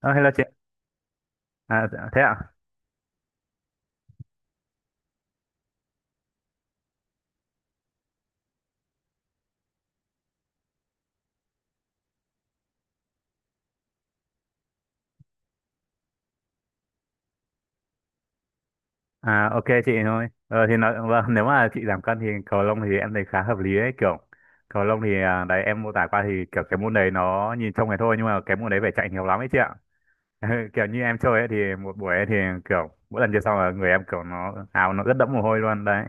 Ờ, hello chị. À, dạ, thế ạ? À, ok chị thôi. Vâng, nếu mà chị giảm cân thì cầu lông thì em thấy khá hợp lý ấy. Kiểu cầu lông thì đấy em mô tả qua thì kiểu cái môn đấy nó nhìn trông này thôi nhưng mà cái môn đấy phải chạy nhiều lắm ấy chị ạ. Kiểu như em chơi ấy thì một buổi ấy thì kiểu mỗi lần chơi xong là người em kiểu nó áo nó rất đẫm mồ hôi luôn đấy.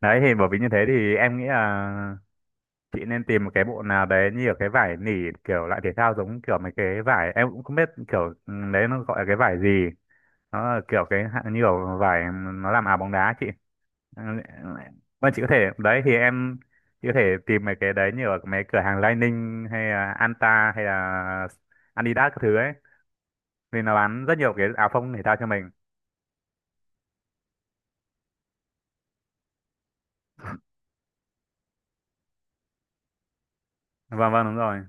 Đấy thì bởi vì như thế thì em nghĩ là chị nên tìm một cái bộ nào đấy như ở cái vải nỉ kiểu loại thể thao giống kiểu mấy cái vải em cũng không biết kiểu đấy nó gọi là cái vải gì, nó là kiểu như kiểu vải nó làm áo bóng đá chị. Ừ, vâng, chị có thể đấy thì em chị có thể tìm mấy cái đấy như ở mấy cửa hàng Lining hay là Anta hay là Adidas các thứ ấy vì nó bán rất nhiều cái áo phông thể thao cho mình. Vâng vâng đúng rồi.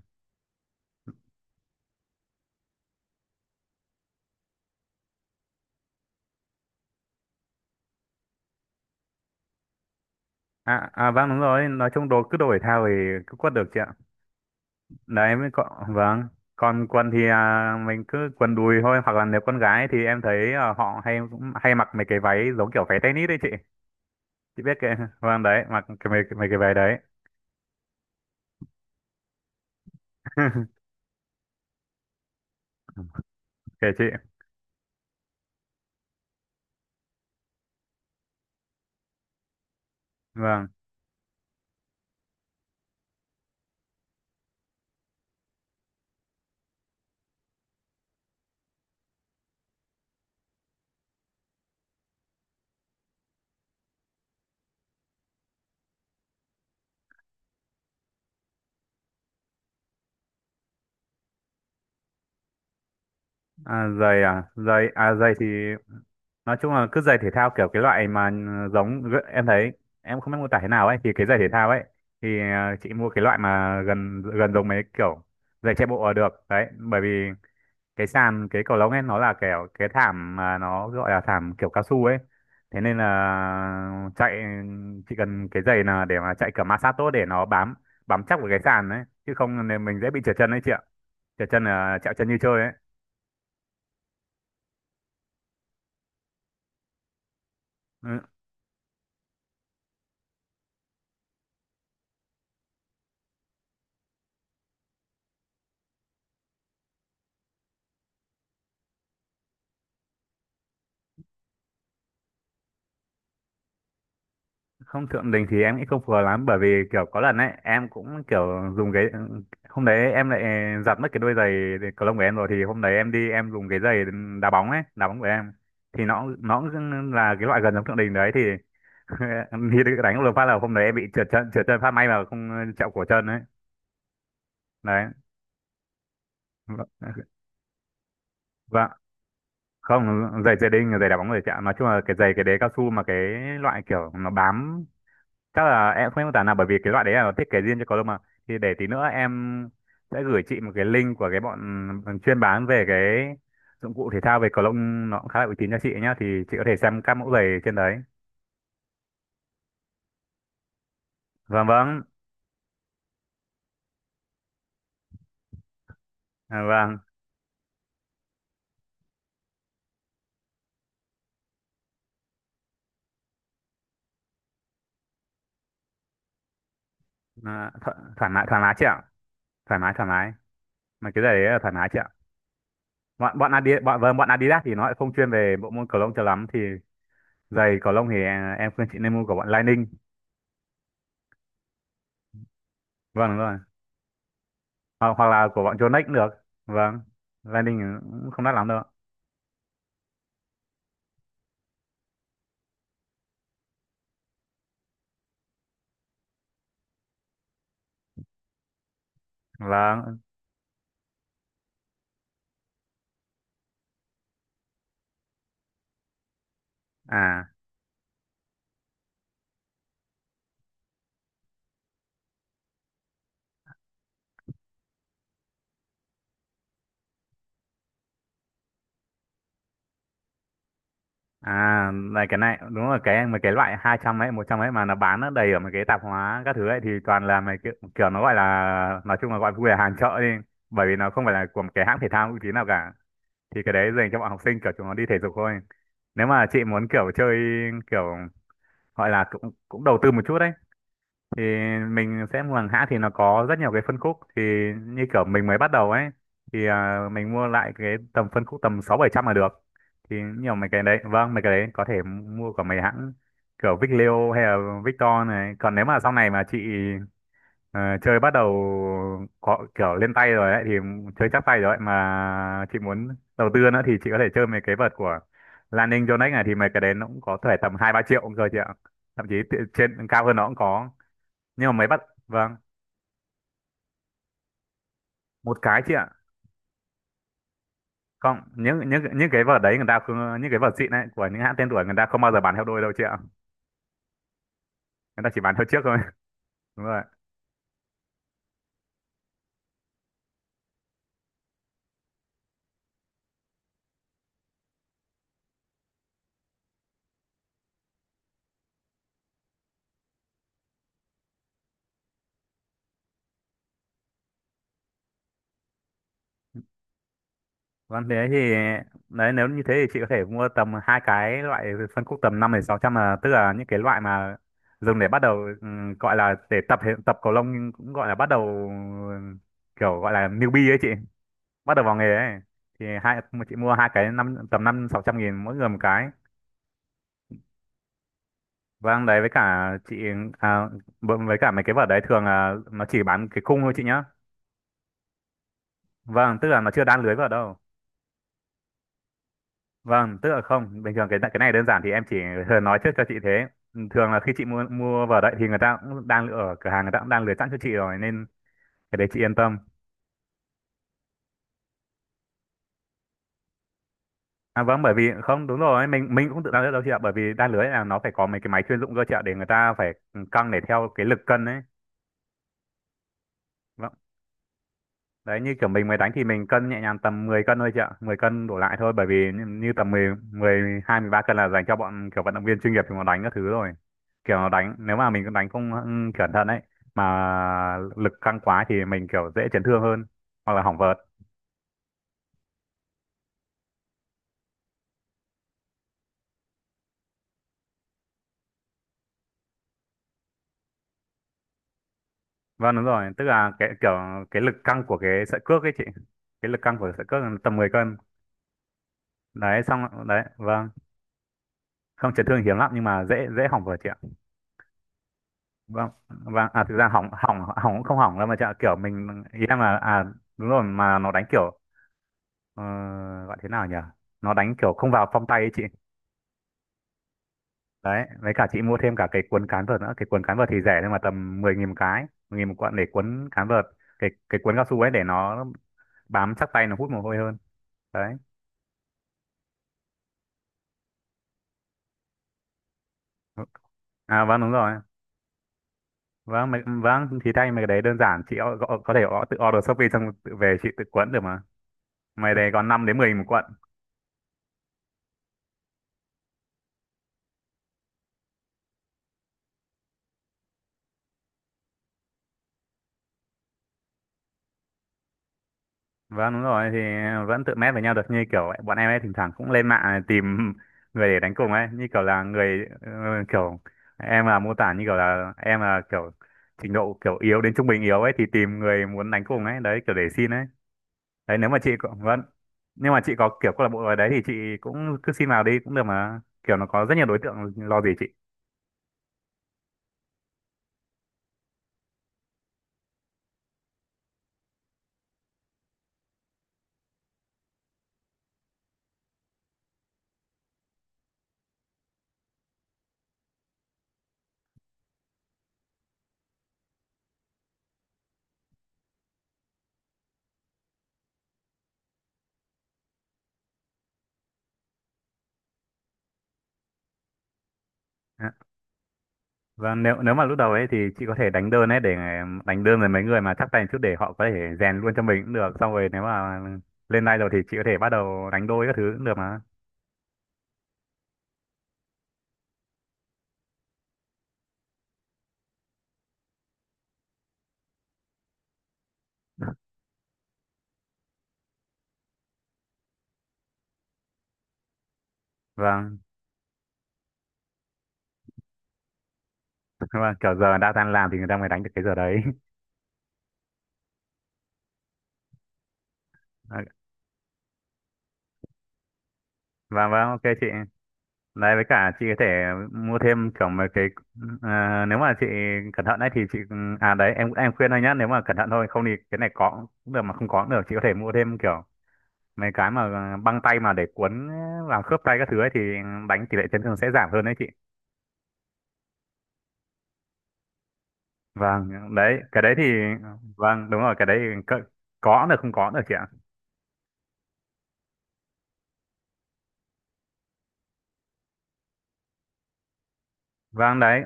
Vâng đúng rồi, nói chung đồ cứ đồ thể thao thì cứ quất được chị ạ. Đấy mới có, vâng. Còn quần thì mình cứ quần đùi thôi, hoặc là nếu con gái thì em thấy họ hay hay mặc mấy cái váy giống kiểu váy tennis đấy chị biết cái, vâng, đấy mặc cái mấy cái váy đấy. Kể chị, vâng. À, giày thì nói chung là cứ giày thể thao kiểu cái loại mà giống em thấy em không biết mô tả thế nào ấy thì cái giày thể thao ấy thì chị mua cái loại mà gần gần giống mấy kiểu giày chạy bộ là được đấy, bởi vì cái sàn cái cầu lông ấy nó là kiểu cái thảm mà nó gọi là thảm kiểu cao su ấy, thế nên là chạy chỉ cần cái giày là để mà chạy kiểu ma sát tốt để nó bám bám chắc vào cái sàn ấy, chứ không là mình dễ bị trượt chân đấy chị ạ, trượt chân là trẹo chân như chơi ấy. Ừ, không, thượng đình thì em nghĩ không phù hợp lắm bởi vì kiểu có lần ấy em cũng kiểu dùng cái hôm đấy em lại giặt mất cái đôi giày cầu lông của em rồi, thì hôm đấy em đi em dùng cái giày đá bóng ấy, đá bóng của em thì nó cũng là cái loại gần giống thượng đình đấy thì. Thì đánh một phát là hôm đấy em bị trượt chân, trượt chân phát may mà không chạm cổ chân ấy. Đấy, vâng, không, giày giày đinh giày đá bóng giày chạm nói chung là cái giày cái đế cao su mà cái loại kiểu nó bám chắc là em không biết mô tả nào bởi vì cái loại đấy là nó thiết kế riêng cho cầu lông mà, thì để tí nữa em sẽ gửi chị một cái link của cái bọn chuyên bán về cái dụng cụ thể thao về cầu lông, nó cũng khá là uy tín cho chị nhá thì chị có thể xem các mẫu giày trên đấy. Vâng vâng. Vâng. Thoải mái, thoải mái chị ạ. Thoải mái, thoải mái mà cái giày đấy là thoải mái chị ạ. Bọn bọn Adidas bọn, vâng, bọn Adidas thì nó lại không chuyên về bộ môn cầu lông cho lắm thì giày cầu lông thì em khuyên chị nên mua của bọn Lining. Vâng đúng rồi. Hoặc là của bọn Yonex cũng được. Vâng, Lining cũng không đắt lắm đâu. Vâng, à này, cái này đúng là mấy cái loại 200 ấy, 100 ấy mà nó bán nó đầy ở mấy cái tạp hóa các thứ ấy thì toàn là mấy kiểu nó gọi là, nói chung là gọi vui là hàng chợ đi, bởi vì nó không phải là của một cái hãng thể thao uy tín nào cả thì cái đấy dành cho bọn học sinh kiểu chúng nó đi thể dục thôi. Nếu mà chị muốn kiểu chơi kiểu gọi là cũng cũng đầu tư một chút đấy thì mình sẽ mua hàng hãng thì nó có rất nhiều cái phân khúc thì như kiểu mình mới bắt đầu ấy thì mình mua lại cái tầm phân khúc tầm sáu bảy trăm là được, thì nhiều mấy cái đấy, vâng, mấy cái đấy có thể mua của mấy hãng kiểu Vicleo hay là Victor này, còn nếu mà sau này mà chị ờ, chơi bắt đầu có kiểu lên tay rồi ấy thì chơi chắc tay rồi ấy mà chị muốn đầu tư nữa thì chị có thể chơi mấy cái vợt của Lan Ninh Yonex này thì mấy cái đấy nó cũng có thể tầm hai ba triệu cũng rồi chị ạ, thậm chí trên cao hơn nó cũng có nhưng mà mấy bạn. Vâng, một cái chị ạ. Không, những cái vở đấy người ta không, những cái vở xịn đấy của những hãng tên tuổi người ta không bao giờ bán theo đôi đâu chị ạ, người ta chỉ bán theo chiếc thôi. Đúng rồi. Vâng thế thì đấy, nếu như thế thì chị có thể mua tầm hai cái loại phân khúc tầm năm đến sáu trăm là, tức là những cái loại mà dùng để bắt đầu, gọi là để tập tập cầu lông nhưng cũng gọi là bắt đầu, kiểu gọi là newbie ấy chị, bắt đầu vào nghề ấy. Thì hai, chị mua hai cái năm tầm năm sáu trăm nghìn mỗi người một cái. Vâng đấy, với cả chị à, với cả mấy cái vở đấy thường là nó chỉ bán cái khung thôi chị nhá. Vâng, tức là nó chưa đan lưới vào đâu. Vâng, tức là không, bình thường cái này đơn giản thì em chỉ thường nói trước cho chị thế. Thường là khi chị mua mua vở đấy thì người ta cũng đan lưới ở cửa hàng, người ta cũng đan lưới sẵn cho chị rồi nên cái đấy chị yên tâm. À vâng, bởi vì không, đúng rồi, mình cũng tự đan lưới đâu chị ạ, bởi vì đan lưới là nó phải có mấy cái máy chuyên dụng cơ chị ạ để người ta phải căng để theo cái lực cân ấy. Vâng. Đấy như kiểu mình mới đánh thì mình cân nhẹ nhàng tầm 10 cân thôi chị ạ, 10 cân đổ lại thôi bởi vì như, như tầm 10, 12, 13 cân là dành cho bọn kiểu vận động viên chuyên nghiệp thì nó đánh các thứ rồi. Kiểu nó đánh nếu mà mình đánh không cẩn thận ấy mà lực căng quá thì mình kiểu dễ chấn thương hơn hoặc là hỏng vợt. Vâng đúng rồi, tức là cái kiểu cái lực căng của cái sợi cước ấy chị. Cái lực căng của sợi cước là tầm 10 cân. Đấy xong đấy, vâng. Không, chấn thương hiếm lắm nhưng mà dễ dễ hỏng vợt chị ạ. Vâng vâng, thực ra hỏng hỏng hỏng cũng không hỏng đâu mà chợ kiểu mình ý em là à, đúng rồi, mà nó đánh kiểu ờ, gọi thế nào nhỉ, nó đánh kiểu không vào phong tay ấy chị. Đấy với cả chị mua thêm cả cái cuốn cán vợt nữa, cái cuốn cán vợt thì rẻ nhưng mà tầm 10 nghìn một cái, 10 nghìn một cuộn để cuốn cán vợt, cái cuốn cao su ấy để nó bám chắc tay nó hút mồ hôi hơn đấy. À vâng, đúng rồi. Vâng vâng thì thay mấy cái đấy đơn giản, chị có thể gõ tự order Shopee xong tự về chị tự cuốn được mà, mày đấy còn 5 đến 10 nghìn một cuộn. Vâng đúng rồi, thì vẫn tự mét với nhau được như kiểu bọn em ấy, thỉnh thoảng cũng lên mạng tìm người để đánh cùng ấy, như kiểu là người kiểu em là mô tả như kiểu là em là kiểu trình độ kiểu yếu đến trung bình yếu ấy thì tìm người muốn đánh cùng ấy đấy kiểu để xin ấy. Đấy nếu mà chị có, vâng, nhưng mà chị có kiểu câu lạc bộ ở đấy thì chị cũng cứ xin vào đi cũng được mà kiểu nó có rất nhiều đối tượng lo gì chị. Vâng, nếu nếu mà lúc đầu ấy thì chị có thể đánh đơn ấy để đánh đơn với mấy người mà chắc tay một chút để họ có thể rèn luôn cho mình cũng được. Xong rồi nếu mà lên live rồi thì chị có thể bắt đầu đánh đôi các thứ cũng được mà. Vâng, vâng, kiểu giờ đã tan làm thì người ta mới đánh được cái giờ đấy. Ờ, vâng, vâng, ok chị. Đấy với cả chị có thể mua thêm kiểu mấy cái, nếu mà chị cẩn thận ấy thì chị đấy em khuyên thôi nhá, nếu mà cẩn thận thôi không thì cái này có cũng được mà không có cũng được, chị có thể mua thêm kiểu mấy cái mà băng tay mà để cuốn làm khớp tay các thứ ấy thì đánh tỷ lệ chấn thương sẽ giảm hơn đấy chị. Vâng đấy cái đấy thì vâng đúng rồi, cái đấy có, có cũng được, không có cũng được chị ạ. Vâng đấy,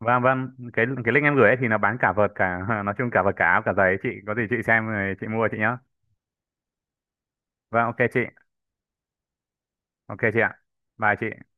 vâng vâng, cái link em gửi ấy thì nó bán cả vợt cả nói chung cả vợt cả áo cả giày ấy, chị có gì chị xem rồi chị mua chị nhá. Vâng ok chị. Ok chị ạ. Bye chị.